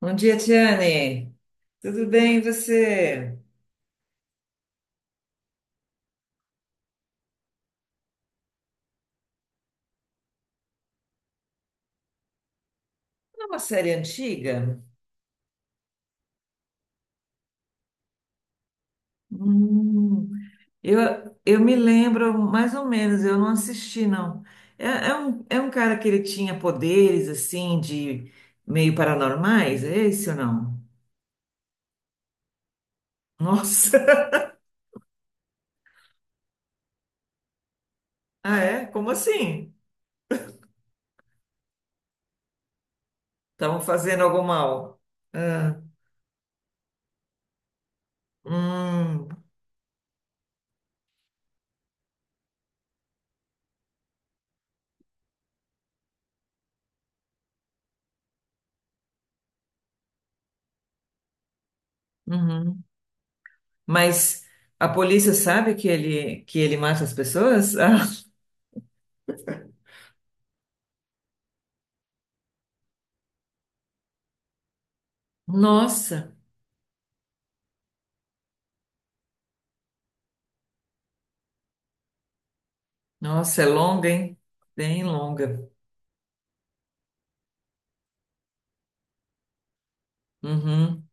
Bom dia, Tiane. Tudo bem, e você? É uma série antiga? Hum, eu, eu me lembro mais ou menos, eu não assisti, não. É um cara que ele tinha poderes, assim, de meio paranormais, é esse ou não? Nossa! Ah, é? Como assim? Estavam fazendo algo mal? Ah, hum, uhum. Mas a polícia sabe que ele mata as pessoas? Ah, nossa! Nossa, é longa, hein? Bem longa. Uhum.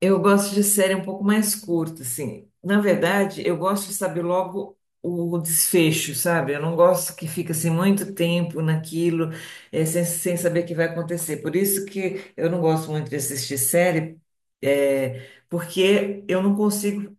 Eu gosto de série um pouco mais curta, assim. Na verdade, eu gosto de saber logo o desfecho, sabe? Eu não gosto que fica assim muito tempo naquilo, sem saber o que vai acontecer. Por isso que eu não gosto muito de assistir série, porque eu não consigo.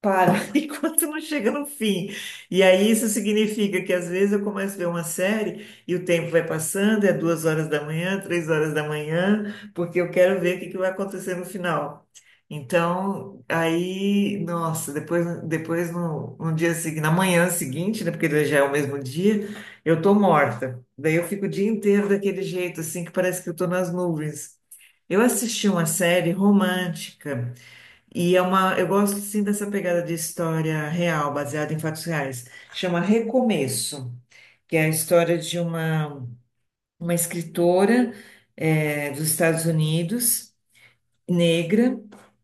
Para enquanto não chega no fim. E aí isso significa que às vezes eu começo a ver uma série e o tempo vai passando, é 2 horas da manhã, 3 horas da manhã, porque eu quero ver o que que vai acontecer no final. Então, aí, nossa, depois, depois no, no dia seguinte, na manhã seguinte, né, porque já é o mesmo dia, eu tô morta. Daí eu fico o dia inteiro daquele jeito, assim, que parece que eu tô nas nuvens. Eu assisti uma série romântica e eu gosto sim dessa pegada de história real, baseada em fatos reais. Chama Recomeço, que é a história uma escritora dos Estados Unidos, negra,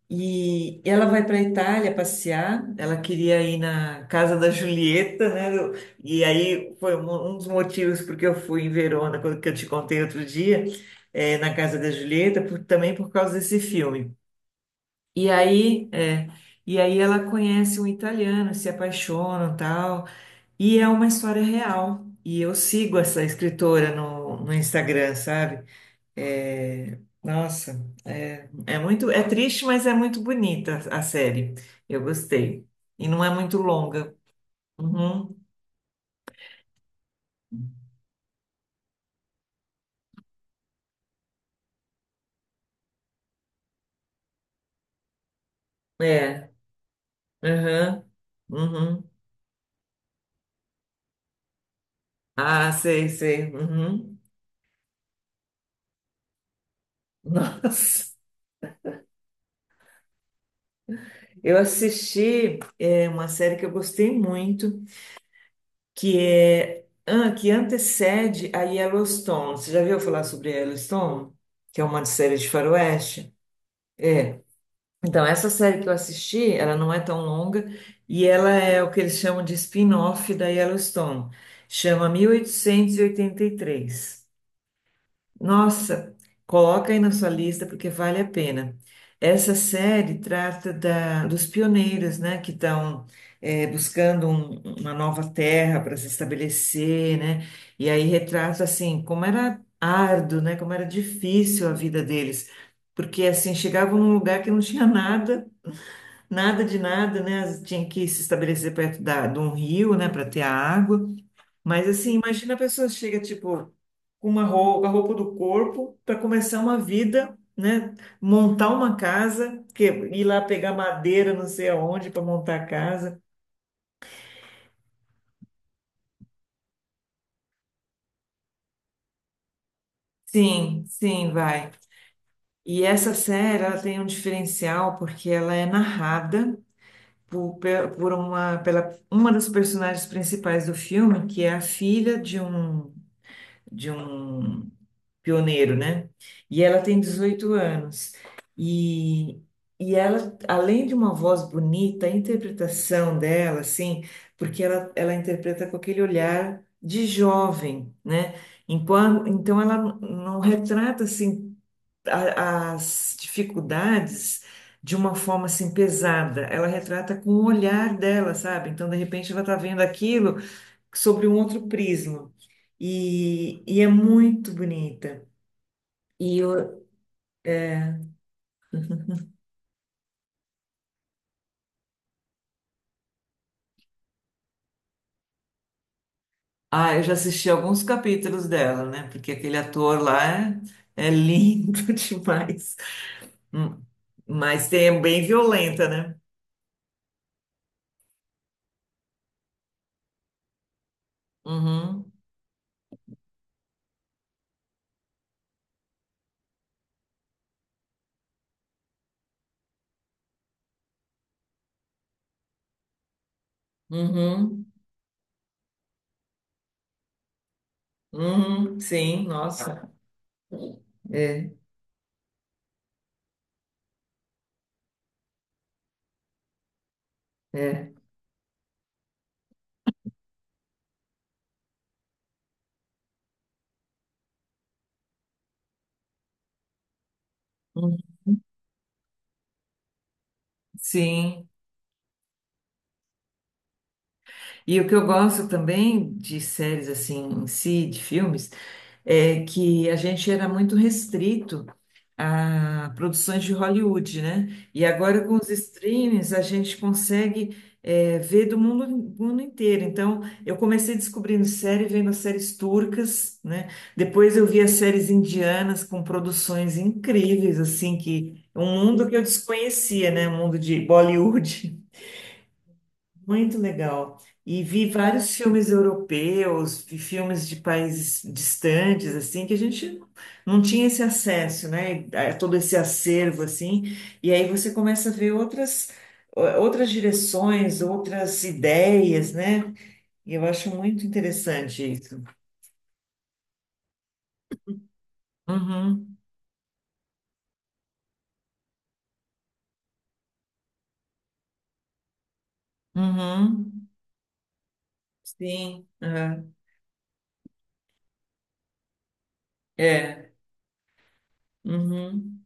e ela vai para a Itália passear. Ela queria ir na casa da Julieta, né? E aí foi um dos motivos porque eu fui em Verona, quando que eu te contei outro dia, na casa da Julieta, também por causa desse filme. E aí, é, e aí ela conhece um italiano, se apaixonam, tal, e é uma história real. E eu sigo essa escritora no Instagram, sabe? É, nossa, é muito, é triste, mas é muito bonita a série. Eu gostei. E não é muito longa. Uhum, é, uhum, uhum. Ah, sei, sei. Uhum. Nossa, eu assisti uma série que eu gostei muito, que antecede a Yellowstone. Você já viu falar sobre Yellowstone? Que é uma série de faroeste? É. Então, essa série que eu assisti, ela não é tão longa e ela é o que eles chamam de spin-off da Yellowstone. Chama 1883. Nossa, coloca aí na sua lista porque vale a pena. Essa série trata dos pioneiros, né, que estão buscando uma nova terra para se estabelecer, né? E aí retrata assim como era árduo, né, como era difícil a vida deles, porque assim chegavam num lugar que não tinha nada, nada de nada, né? Tinha que se estabelecer perto de um rio, né, para ter a água. Mas assim, imagina a pessoa chega, tipo, com uma roupa, a roupa do corpo, para começar uma vida, né? Montar uma casa, que, ir lá pegar madeira, não sei aonde, para montar a casa. Sim, sim, vai. E essa série, ela tem um diferencial porque ela é narrada por uma das personagens principais do filme, que é a filha de um pioneiro, né? E ela tem 18 anos. E, e ela, além de uma voz bonita, a interpretação dela, assim, porque ela interpreta com aquele olhar de jovem, né? Enquanto, então ela não retrata, assim, as dificuldades de uma forma, assim, pesada. Ela retrata com o olhar dela, sabe? Então, de repente, ela tá vendo aquilo sobre um outro prisma. E é muito bonita. E eu já assisti alguns capítulos dela, né? Porque aquele ator lá é lindo demais. Hum, Mas tem, é bem violenta, né? Uhum, uhum, uhum, sim, nossa. É, é. Uhum, sim. E o que eu gosto também de séries assim em si, de filmes, é que a gente era muito restrito a produções de Hollywood, né? E agora com os streams a gente consegue ver mundo inteiro. Então eu comecei descobrindo série, vendo as séries turcas, né? Depois eu vi as séries indianas com produções incríveis, assim, que um mundo que eu desconhecia, né? Um mundo de Bollywood. Muito legal. E vi vários filmes europeus, vi filmes de países distantes, assim, que a gente não tinha esse acesso, né? A todo esse acervo, assim. E aí você começa a ver outras direções, outras ideias, né? E eu acho muito interessante isso. Uhum, uhum, sim, aham, é, uhum,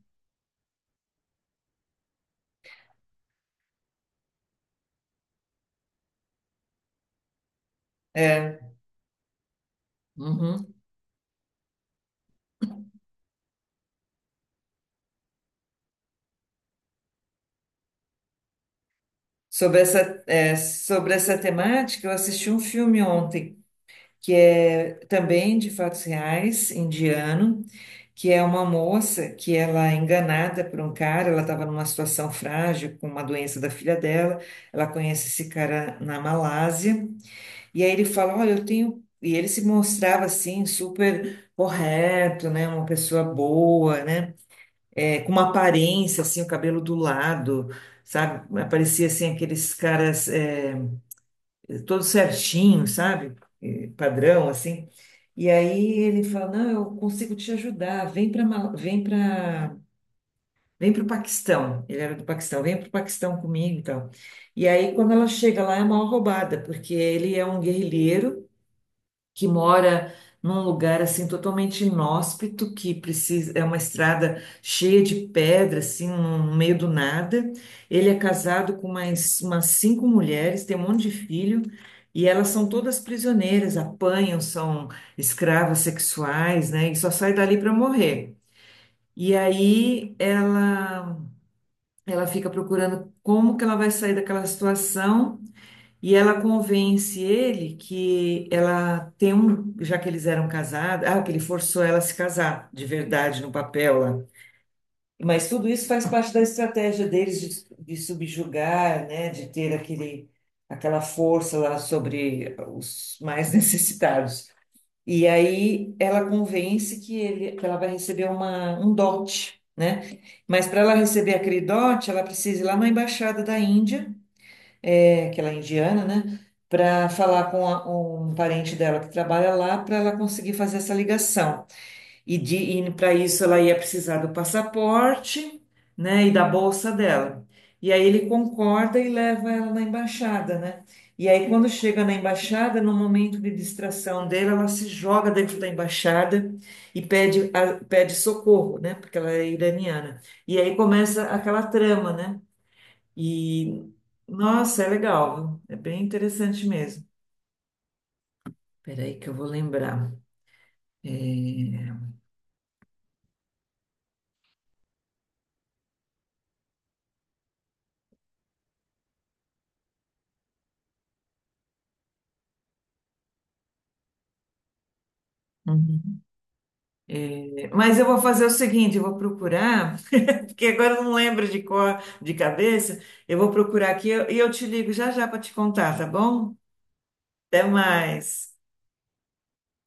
é, uhum. Sobre essa temática, eu assisti um filme ontem que é também de fatos reais, indiano, que é uma moça que ela é enganada por um cara, ela estava numa situação frágil com uma doença da filha dela, ela conhece esse cara na Malásia, e aí ele fala, olha, eu tenho... E ele se mostrava assim, super correto, né? Uma pessoa boa, né? É, com uma aparência, assim, o cabelo do lado, sabe? Parecia assim aqueles caras, todo certinho, sabe? Padrão, assim. E aí ele fala, não, eu consigo te ajudar, vem para vem para o Paquistão. Ele era do Paquistão, vem para o Paquistão comigo e tal. E aí, quando ela chega lá, é uma roubada, porque ele é um guerrilheiro que mora num lugar assim totalmente inóspito, que precisa é uma estrada cheia de pedra, assim, no meio do nada. Ele é casado com mais umas cinco mulheres, tem um monte de filho, e elas são todas prisioneiras, apanham, são escravas sexuais, né? E só sai dali para morrer. E aí ela fica procurando como que ela vai sair daquela situação. E ela convence ele que ela tem um, já que eles eram casados, ah, que ele forçou ela a se casar, de verdade, no papel lá. Mas tudo isso faz parte da estratégia deles de subjugar, né, de ter aquela força lá sobre os mais necessitados. E aí ela convence que ele, que ela vai receber um dote, né? Mas para ela receber aquele dote, ela precisa ir lá na embaixada da Índia, aquela indiana, né? Para falar com um parente dela que trabalha lá, para ela conseguir fazer essa ligação. E para isso ela ia precisar do passaporte, né? E da bolsa dela. E aí ele concorda e leva ela na embaixada, né? E aí quando chega na embaixada, no momento de distração dela, ela se joga dentro da embaixada e pede, pede socorro, né? Porque ela é iraniana. E aí começa aquela trama, né? E, nossa, é legal, viu? É bem interessante mesmo. Peraí que eu vou lembrar. É, uhum. É, mas eu vou fazer o seguinte, eu vou procurar, porque agora eu não lembro de cor, de cabeça. Eu vou procurar aqui e eu te ligo já já para te contar, tá bom? Até mais.